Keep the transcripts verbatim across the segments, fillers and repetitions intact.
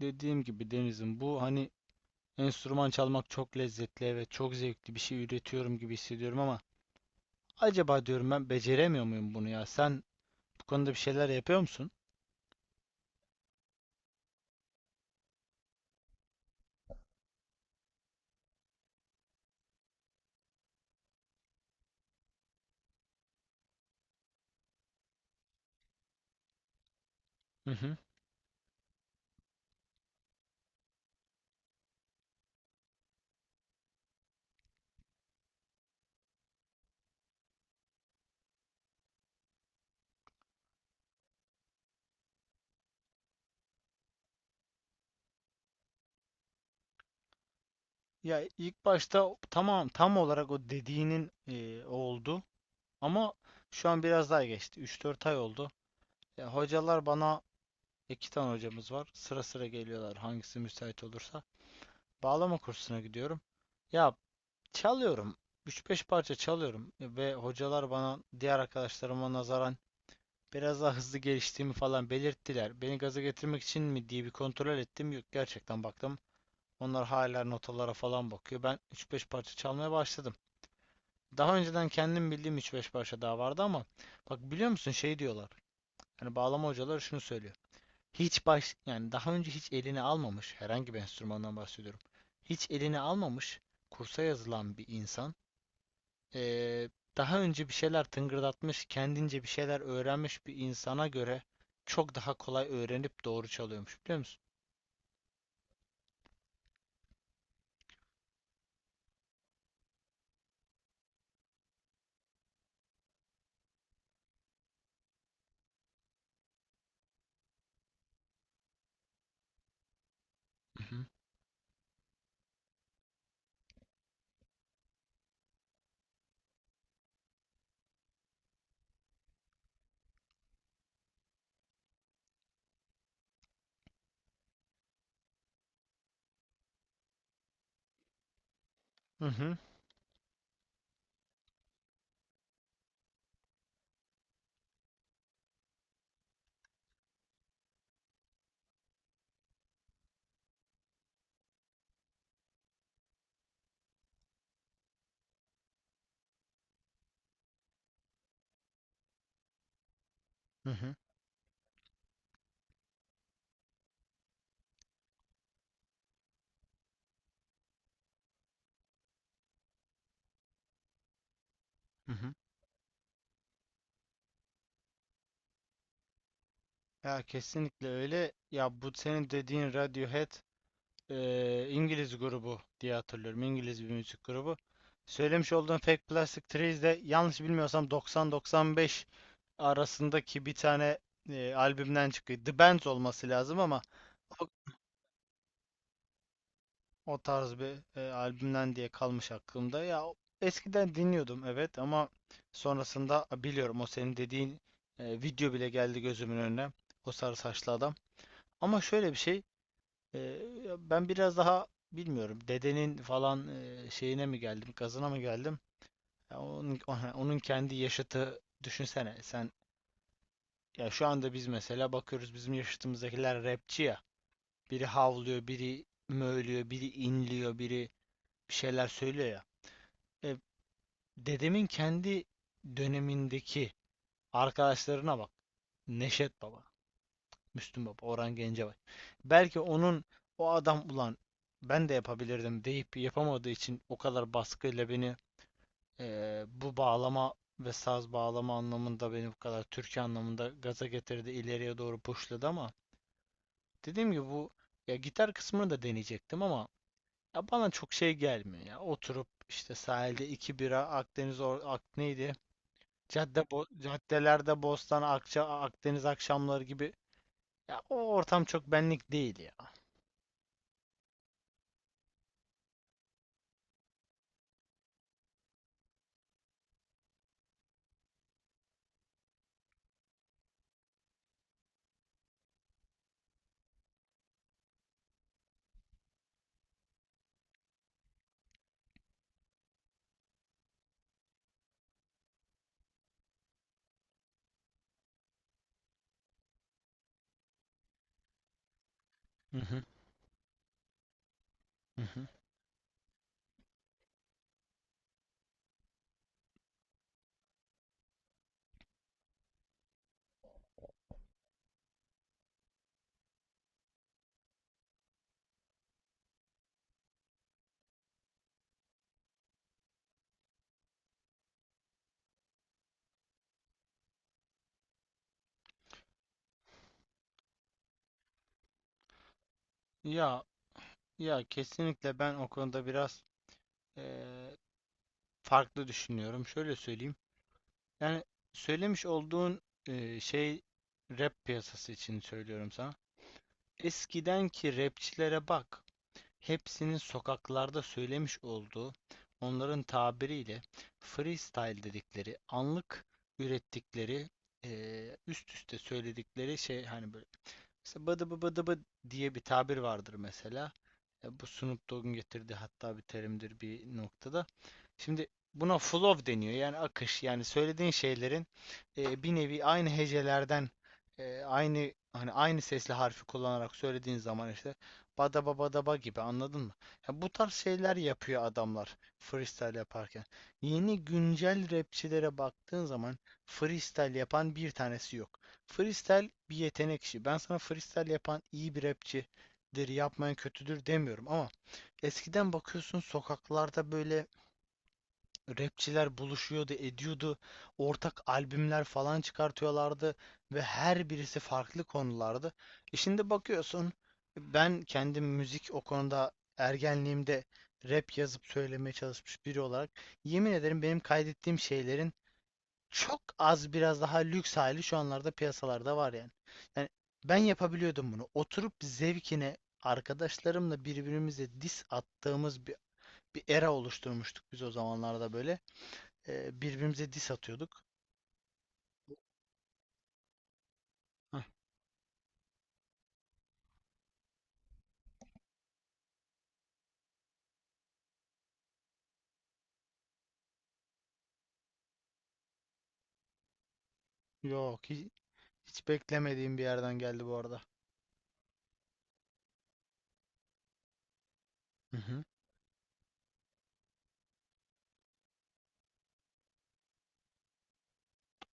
Dediğim gibi Deniz'im bu hani enstrüman çalmak çok lezzetli, evet, çok zevkli, bir şey üretiyorum gibi hissediyorum ama acaba diyorum ben beceremiyor muyum bunu ya? Sen bu konuda bir şeyler yapıyor musun? Hı hı. Ya ilk başta tamam, tam olarak o dediğinin e, oldu ama şu an biraz daha geçti. üç dört ay oldu. Ya hocalar bana, iki tane hocamız var. Sıra sıra geliyorlar, hangisi müsait olursa. Bağlama kursuna gidiyorum. Ya çalıyorum. Üç beş parça çalıyorum ve hocalar bana diğer arkadaşlarıma nazaran biraz daha hızlı geliştiğimi falan belirttiler. Beni gaza getirmek için mi diye bir kontrol ettim. Yok, gerçekten baktım. Onlar hala notalara falan bakıyor. Ben üç beş parça çalmaya başladım. Daha önceden kendim bildiğim üç beş parça daha vardı ama bak, biliyor musun, şey diyorlar. Yani bağlama hocaları şunu söylüyor. Hiç baş, yani daha önce hiç eline almamış herhangi bir enstrümandan bahsediyorum. Hiç eline almamış, kursa yazılan bir insan, eee, daha önce bir şeyler tıngırdatmış, kendince bir şeyler öğrenmiş bir insana göre çok daha kolay öğrenip doğru çalıyormuş, biliyor musun? Mhm. Hı hı. Hı hı, hı hı. Ya kesinlikle öyle. Ya bu senin dediğin Radiohead eee, İngiliz grubu diye hatırlıyorum. İngiliz bir müzik grubu. Söylemiş olduğun Fake Plastic Trees de, yanlış bilmiyorsam, doksan doksan beş arasındaki bir tane eee, albümden çıkıyor. The Bends olması lazım ama o tarz bir e, albümden diye kalmış aklımda. Ya o- eskiden dinliyordum evet, ama sonrasında a, biliyorum o senin dediğin e, video bile geldi gözümün önüne. O sarı saçlı adam. Ama şöyle bir şey, e, ya ben biraz daha bilmiyorum, dedenin falan e, şeyine mi geldim, gazına mı geldim? Ya onun, ona- onun kendi yaşıtı, düşünsene sen, ya şu anda biz mesela bakıyoruz, bizim yaşıtımızdakiler rapçi ya. Biri havlıyor, biri mövlüyor, biri inliyor, biri bir şeyler söylüyor ya. E, Dedemin kendi dönemindeki arkadaşlarına bak. Neşet Baba, Müslüm Baba, Orhan Gencebay. Belki onun, o adam ulan ben de yapabilirdim deyip yapamadığı için, o kadar baskıyla beni eee, bu bağlama ve saz bağlama anlamında, beni bu kadar türkü anlamında gaza getirdi, ileriye doğru pushladı, ama dediğim gibi bu, ya gitar kısmını da deneyecektim ama ya bana çok şey gelmiyor ya. Oturup işte sahilde iki bira, Akdeniz or ak neydi? Cadde bo- caddelerde Bostan, Akça, Akdeniz akşamları gibi, ya o ortam çok benlik değil ya. Hı hı, hı hı. Ya ya kesinlikle ben o konuda biraz eee, farklı düşünüyorum. Şöyle söyleyeyim. Yani söylemiş olduğun eee, şey, rap piyasası için söylüyorum sana. Eskidenki rapçilere bak. Hepsinin sokaklarda söylemiş olduğu, onların tabiriyle freestyle dedikleri, anlık ürettikleri, eee, üst üste söyledikleri şey, hani böyle mesela bıdı bı bıdı bı diye bir tabir vardır mesela. E, bu Snoop Dogg'un getirdiği hatta bir terimdir bir noktada. Şimdi buna flow deniyor. Yani akış. Yani söylediğin şeylerin e, bir nevi aynı hecelerden, e, aynı hani aynı sesli harfi kullanarak söylediğin zaman, işte badaba badaba gibi, anladın mı? Ya bu tarz şeyler yapıyor adamlar freestyle yaparken. Yeni güncel rapçilere baktığın zaman freestyle yapan bir tanesi yok. Freestyle bir yetenek işi. Ben sana freestyle yapan iyi bir rapçidir, yapmayan kötüdür demiyorum, ama eskiden bakıyorsun sokaklarda böyle rapçiler buluşuyordu, ediyordu. Ortak albümler falan çıkartıyorlardı ve her birisi farklı konulardı. E şimdi bakıyorsun, ben kendim müzik o konuda, ergenliğimde rap yazıp söylemeye çalışmış biri olarak yemin ederim, benim kaydettiğim şeylerin çok az biraz daha lüks hali şu anlarda piyasalarda var yani. Yani ben yapabiliyordum bunu. Oturup zevkine arkadaşlarımla birbirimize diss attığımız bir, bir era oluşturmuştuk biz o zamanlarda, böyle e, birbirimize diss atıyorduk. Hah. Yok hi- Hiç beklemediğim bir yerden geldi bu arada. Hı hı.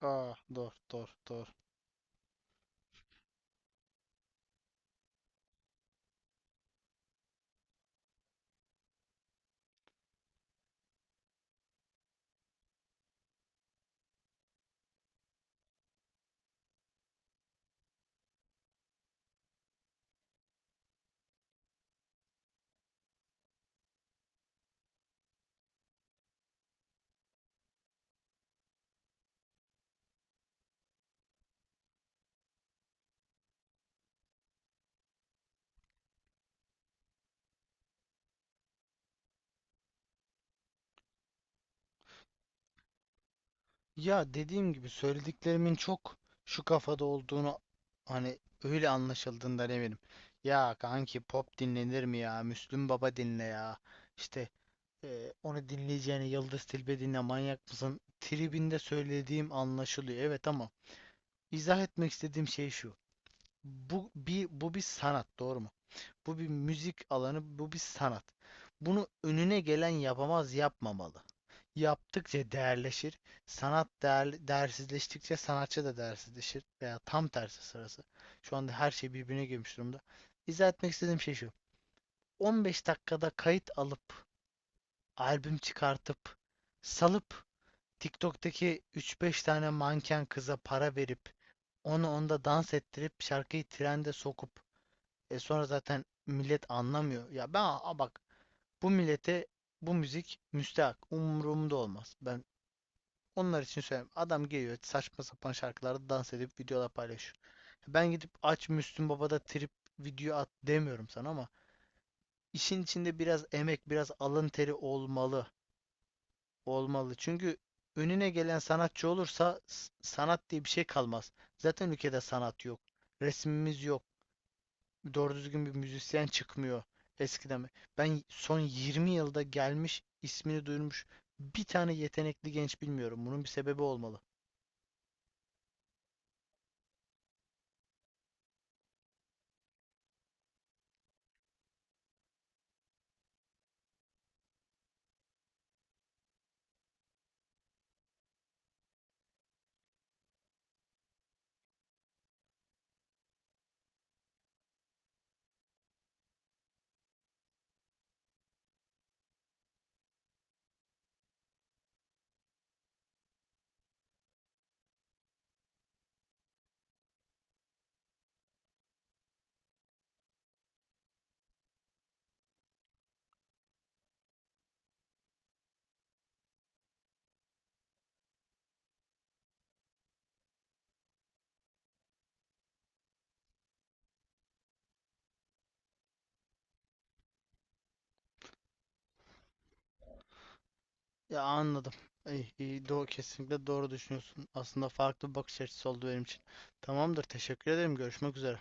Aa, doğru, doğru, doğru. Ya dediğim gibi, söylediklerimin çok şu kafada olduğunu hani öyle anlaşıldığından eminim. Ya kanki pop dinlenir mi ya? Müslüm Baba dinle ya. İşte e, onu dinleyeceğine Yıldız Tilbe dinle, manyak mısın? Tribinde söylediğim anlaşılıyor. Evet, ama izah etmek istediğim şey şu. Bu bir bu bir sanat, doğru mu? Bu bir müzik alanı, bu bir sanat. Bunu önüne gelen yapamaz, yapmamalı. Yaptıkça değerleşir. Sanat değer, değersizleştikçe sanatçı da değersizleşir. Veya tam tersi sırası. Şu anda her şey birbirine girmiş durumda. İzah etmek istediğim şey şu. on beş dakikada kayıt alıp, albüm çıkartıp, salıp TikTok'taki üç beş tane manken kıza para verip, onu onda dans ettirip, şarkıyı trende sokup, e sonra zaten millet anlamıyor. Ya ben a- bak, bu millete bu müzik müstehak. Umurumda olmaz. Ben onlar için söyleyeyim. Adam geliyor, saçma sapan şarkılarda dans edip videolar paylaşıyor. Ben gidip aç Müslüm Baba'da trip video at demiyorum sana, ama işin içinde biraz emek, biraz alın teri olmalı. Olmalı. Çünkü önüne gelen sanatçı olursa sanat diye bir şey kalmaz. Zaten ülkede sanat yok. Resmimiz yok. Doğru düzgün bir müzisyen çıkmıyor eskiden. Ben son yirmi yılda gelmiş, ismini duyurmuş bir tane yetenekli genç bilmiyorum. Bunun bir sebebi olmalı. Ya anladım. İyi, iyi, doğru, kesinlikle doğru düşünüyorsun. Aslında farklı bir bakış açısı oldu benim için. Tamamdır, teşekkür ederim. Görüşmek üzere.